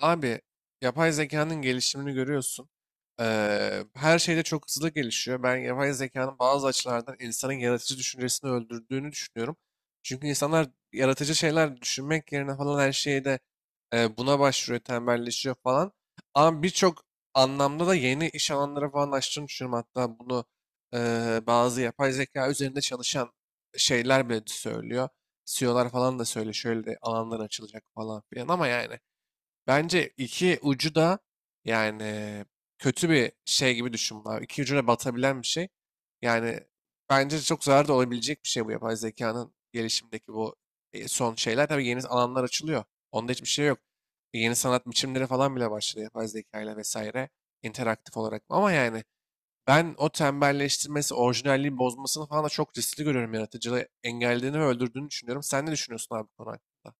Abi yapay zekanın gelişimini görüyorsun. Her şeyde çok hızlı gelişiyor. Ben yapay zekanın bazı açılardan insanın yaratıcı düşüncesini öldürdüğünü düşünüyorum. Çünkü insanlar yaratıcı şeyler düşünmek yerine falan her şeyde buna başvuruyor, tembelleşiyor falan. Ama birçok anlamda da yeni iş alanları falan açtığını düşünüyorum. Hatta bunu bazı yapay zeka üzerinde çalışan şeyler bile söylüyor. CEO'lar falan da söyle şöyle de alanlar açılacak falan filan, ama yani bence iki ucu da, yani, kötü bir şey gibi düşün abi. İki ucuna batabilen bir şey. Yani bence çok zarar da olabilecek bir şey bu yapay zekanın gelişimdeki bu son şeyler. Tabii yeni alanlar açılıyor. Onda hiçbir şey yok. Yeni sanat biçimleri falan bile başladı yapay zekayla vesaire. İnteraktif olarak. Ama yani ben o tembelleştirmesi, orijinalliği bozmasını falan da çok riskli görüyorum. Yaratıcılığı engellediğini ve öldürdüğünü düşünüyorum. Sen ne düşünüyorsun abi bu konu hakkında?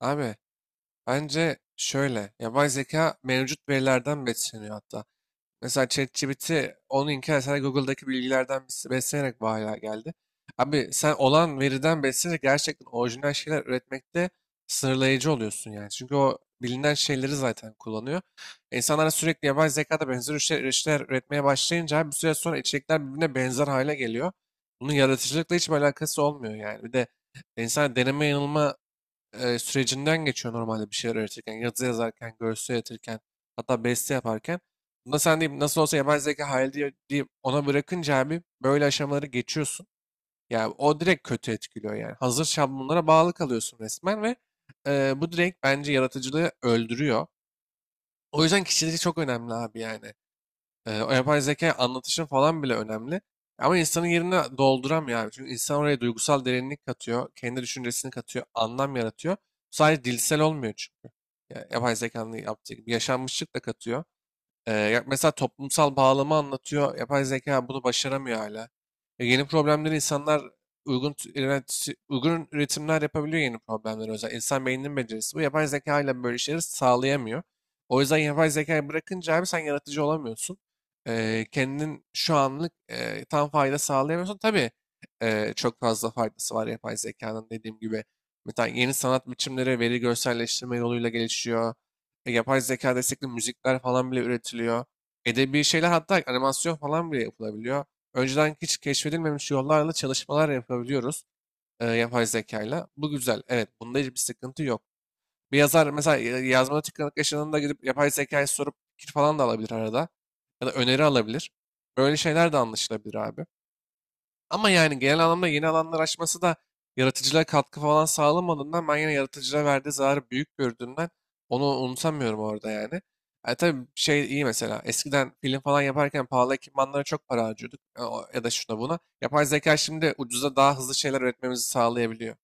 Abi, bence şöyle, yapay zeka mevcut verilerden besleniyor hatta. Mesela ChatGPT onu inkar etse de Google'daki bilgilerden beslenerek bu hale geldi. Abi, sen olan veriden beslenerek gerçekten orijinal şeyler üretmekte sınırlayıcı oluyorsun yani. Çünkü o bilinen şeyleri zaten kullanıyor. İnsanlar sürekli yapay zekada benzer işler üretmeye başlayınca abi bir süre sonra içerikler birbirine benzer hale geliyor. Bunun yaratıcılıkla hiçbir alakası olmuyor yani. Bir de insan deneme yanılma sürecinden geçiyor normalde bir şeyler öğretirken. Yazı yazarken, görsel üretirken, hatta beste yaparken. Bunda sen deyip nasıl olsa yapay zeka hayal diye, deyip ona bırakınca abi böyle aşamaları geçiyorsun. Yani o direkt kötü etkiliyor yani. Hazır şablonlara bağlı kalıyorsun resmen ve bu direkt bence yaratıcılığı öldürüyor. O yüzden kişilik çok önemli abi yani. O yapay zeka anlatışın falan bile önemli. Ama insanın yerine dolduramıyor abi. Çünkü insan oraya duygusal derinlik katıyor. Kendi düşüncesini katıyor. Anlam yaratıyor. Sadece dilsel olmuyor çünkü. Ya, yapay zekanın yaptığı gibi yaşanmışlık da katıyor. Ya mesela toplumsal bağlama anlatıyor. Yapay zeka bunu başaramıyor hala. Yeni problemleri insanlar uygun üretimler yapabiliyor yeni problemleri. O yüzden insan beyninin becerisi bu. Yapay zeka ile böyle şeyleri sağlayamıyor. O yüzden yapay zekayı bırakınca abi sen yaratıcı olamıyorsun. Kendin şu anlık tam fayda sağlayamıyorsun. Tabii çok fazla faydası var yapay zekanın dediğim gibi. Mesela yeni sanat biçimleri veri görselleştirme yoluyla gelişiyor. Yapay zeka destekli müzikler falan bile üretiliyor. Edebi şeyler hatta animasyon falan bile yapılabiliyor. Önceden hiç keşfedilmemiş yollarla çalışmalar yapabiliyoruz yapay zekayla. Bu güzel. Evet, bunda hiçbir sıkıntı yok. Bir yazar mesela yazmada tıkanık yaşadığında gidip yapay zekaya sorup fikir falan da alabilir arada. Ya da öneri alabilir. Böyle şeyler de anlaşılabilir abi. Ama yani genel anlamda yeni alanlar açması da yaratıcılığa katkı falan sağlamadığından ben yine yaratıcılığa verdiği zararı büyük gördüğümden onu unutamıyorum orada yani. E tabii şey iyi, mesela eskiden film falan yaparken pahalı ekipmanlara çok para harcıyorduk. Ya da şuna buna. Yapay zeka şimdi ucuza daha hızlı şeyler üretmemizi sağlayabiliyor.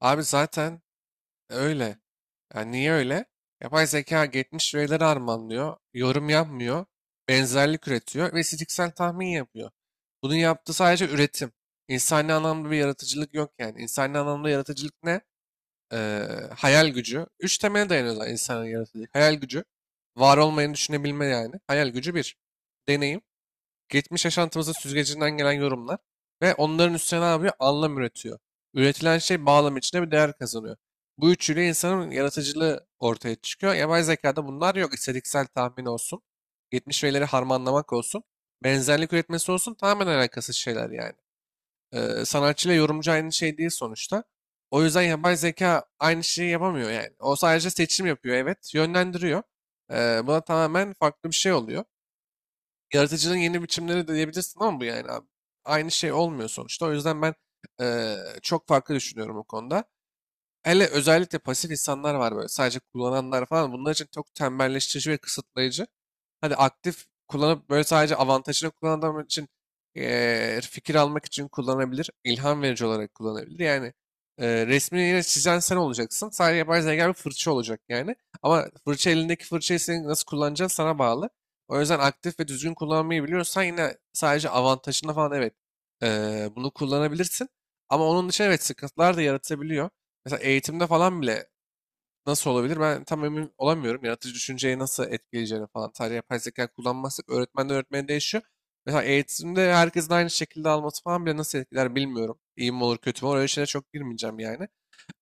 Abi zaten öyle. Yani niye öyle? Yapay zeka geçmiş verileri harmanlıyor, yorum yapmıyor, benzerlik üretiyor ve istatistiksel tahmin yapıyor. Bunun yaptığı sadece üretim. İnsani anlamda bir yaratıcılık yok yani. İnsani anlamda yaratıcılık ne? Ee, Hayal gücü. Üç temele dayanıyor zaten insanın yaratıcılık. Hayal gücü. Var olmayanı düşünebilme yani. Hayal gücü bir. Deneyim, geçmiş yaşantımızın süzgecinden gelen yorumlar ve onların üstüne ne yapıyor? Anlam üretiyor. Üretilen şey bağlam içinde bir değer kazanıyor. Bu üçüyle insanın yaratıcılığı ortaya çıkıyor. Yapay zekada bunlar yok. İstatistiksel tahmin olsun. Geçmiş verileri harmanlamak olsun. Benzerlik üretmesi olsun. Tamamen alakasız şeyler yani. Sanatçıyla yorumcu aynı şey değil sonuçta. O yüzden yapay zeka aynı şeyi yapamıyor yani. O sadece seçim yapıyor, evet. Yönlendiriyor. Buna tamamen farklı bir şey oluyor. Yaratıcılığın yeni biçimleri de diyebilirsin ama bu yani abi. Aynı şey olmuyor sonuçta. O yüzden ben eee, çok farklı düşünüyorum bu konuda. Hele özellikle pasif insanlar var böyle sadece kullananlar falan. Bunlar için çok tembelleştirici ve kısıtlayıcı. Hadi aktif kullanıp böyle sadece avantajını kullanan adam için fikir almak için kullanabilir. İlham verici olarak kullanabilir. Yani resmini yine çizen sen olacaksın. Sadece yapay zeka bir fırça olacak yani. Ama elindeki fırçayı senin nasıl kullanacağın sana bağlı. O yüzden aktif ve düzgün kullanmayı biliyorsan yine sadece avantajını falan, evet, bunu kullanabilirsin. Ama onun için evet sıkıntılar da yaratabiliyor. Mesela eğitimde falan bile nasıl olabilir ben tam emin olamıyorum. Yaratıcı düşünceyi nasıl etkileyeceğini falan. Sadece yapay zeka kullanmazsak öğretmenden öğretmene değişiyor. Mesela eğitimde herkesin aynı şekilde alması falan bile nasıl etkiler bilmiyorum. İyi mi olur kötü mü olur öyle şeylere çok girmeyeceğim yani.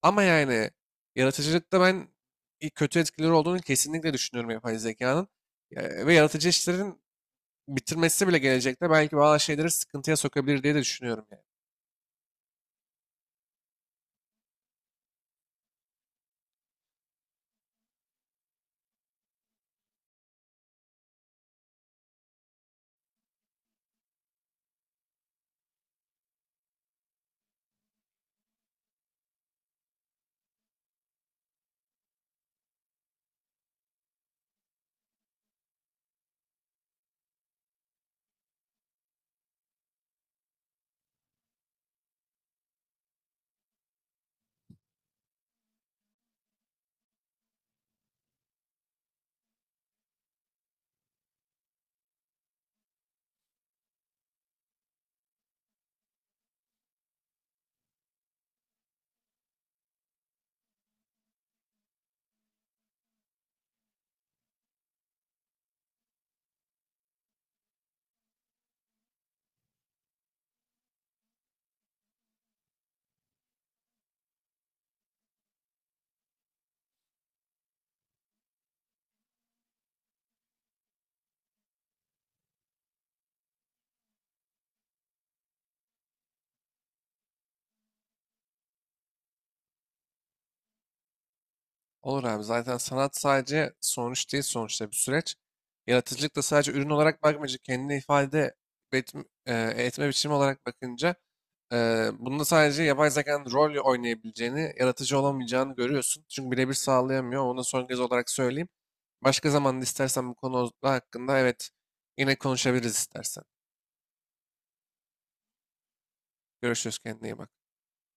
Ama yani yaratıcılıkta ben kötü etkileri olduğunu kesinlikle düşünüyorum yapay zekanın. Ve yaratıcı işlerin bitirmesi bile gelecekte belki bazı şeyleri sıkıntıya sokabilir diye de düşünüyorum yani. Olur abi, zaten sanat sadece sonuç değil sonuçta, bir süreç. Yaratıcılık da sadece ürün olarak bakmayınca, kendini ifade etme biçimi olarak bakınca e, bunda sadece yapay zekanın rol oynayabileceğini, yaratıcı olamayacağını görüyorsun. Çünkü birebir sağlayamıyor. Onu son kez olarak söyleyeyim. Başka zaman istersen bu konu hakkında, evet, yine konuşabiliriz istersen. Görüşürüz, kendine iyi bak.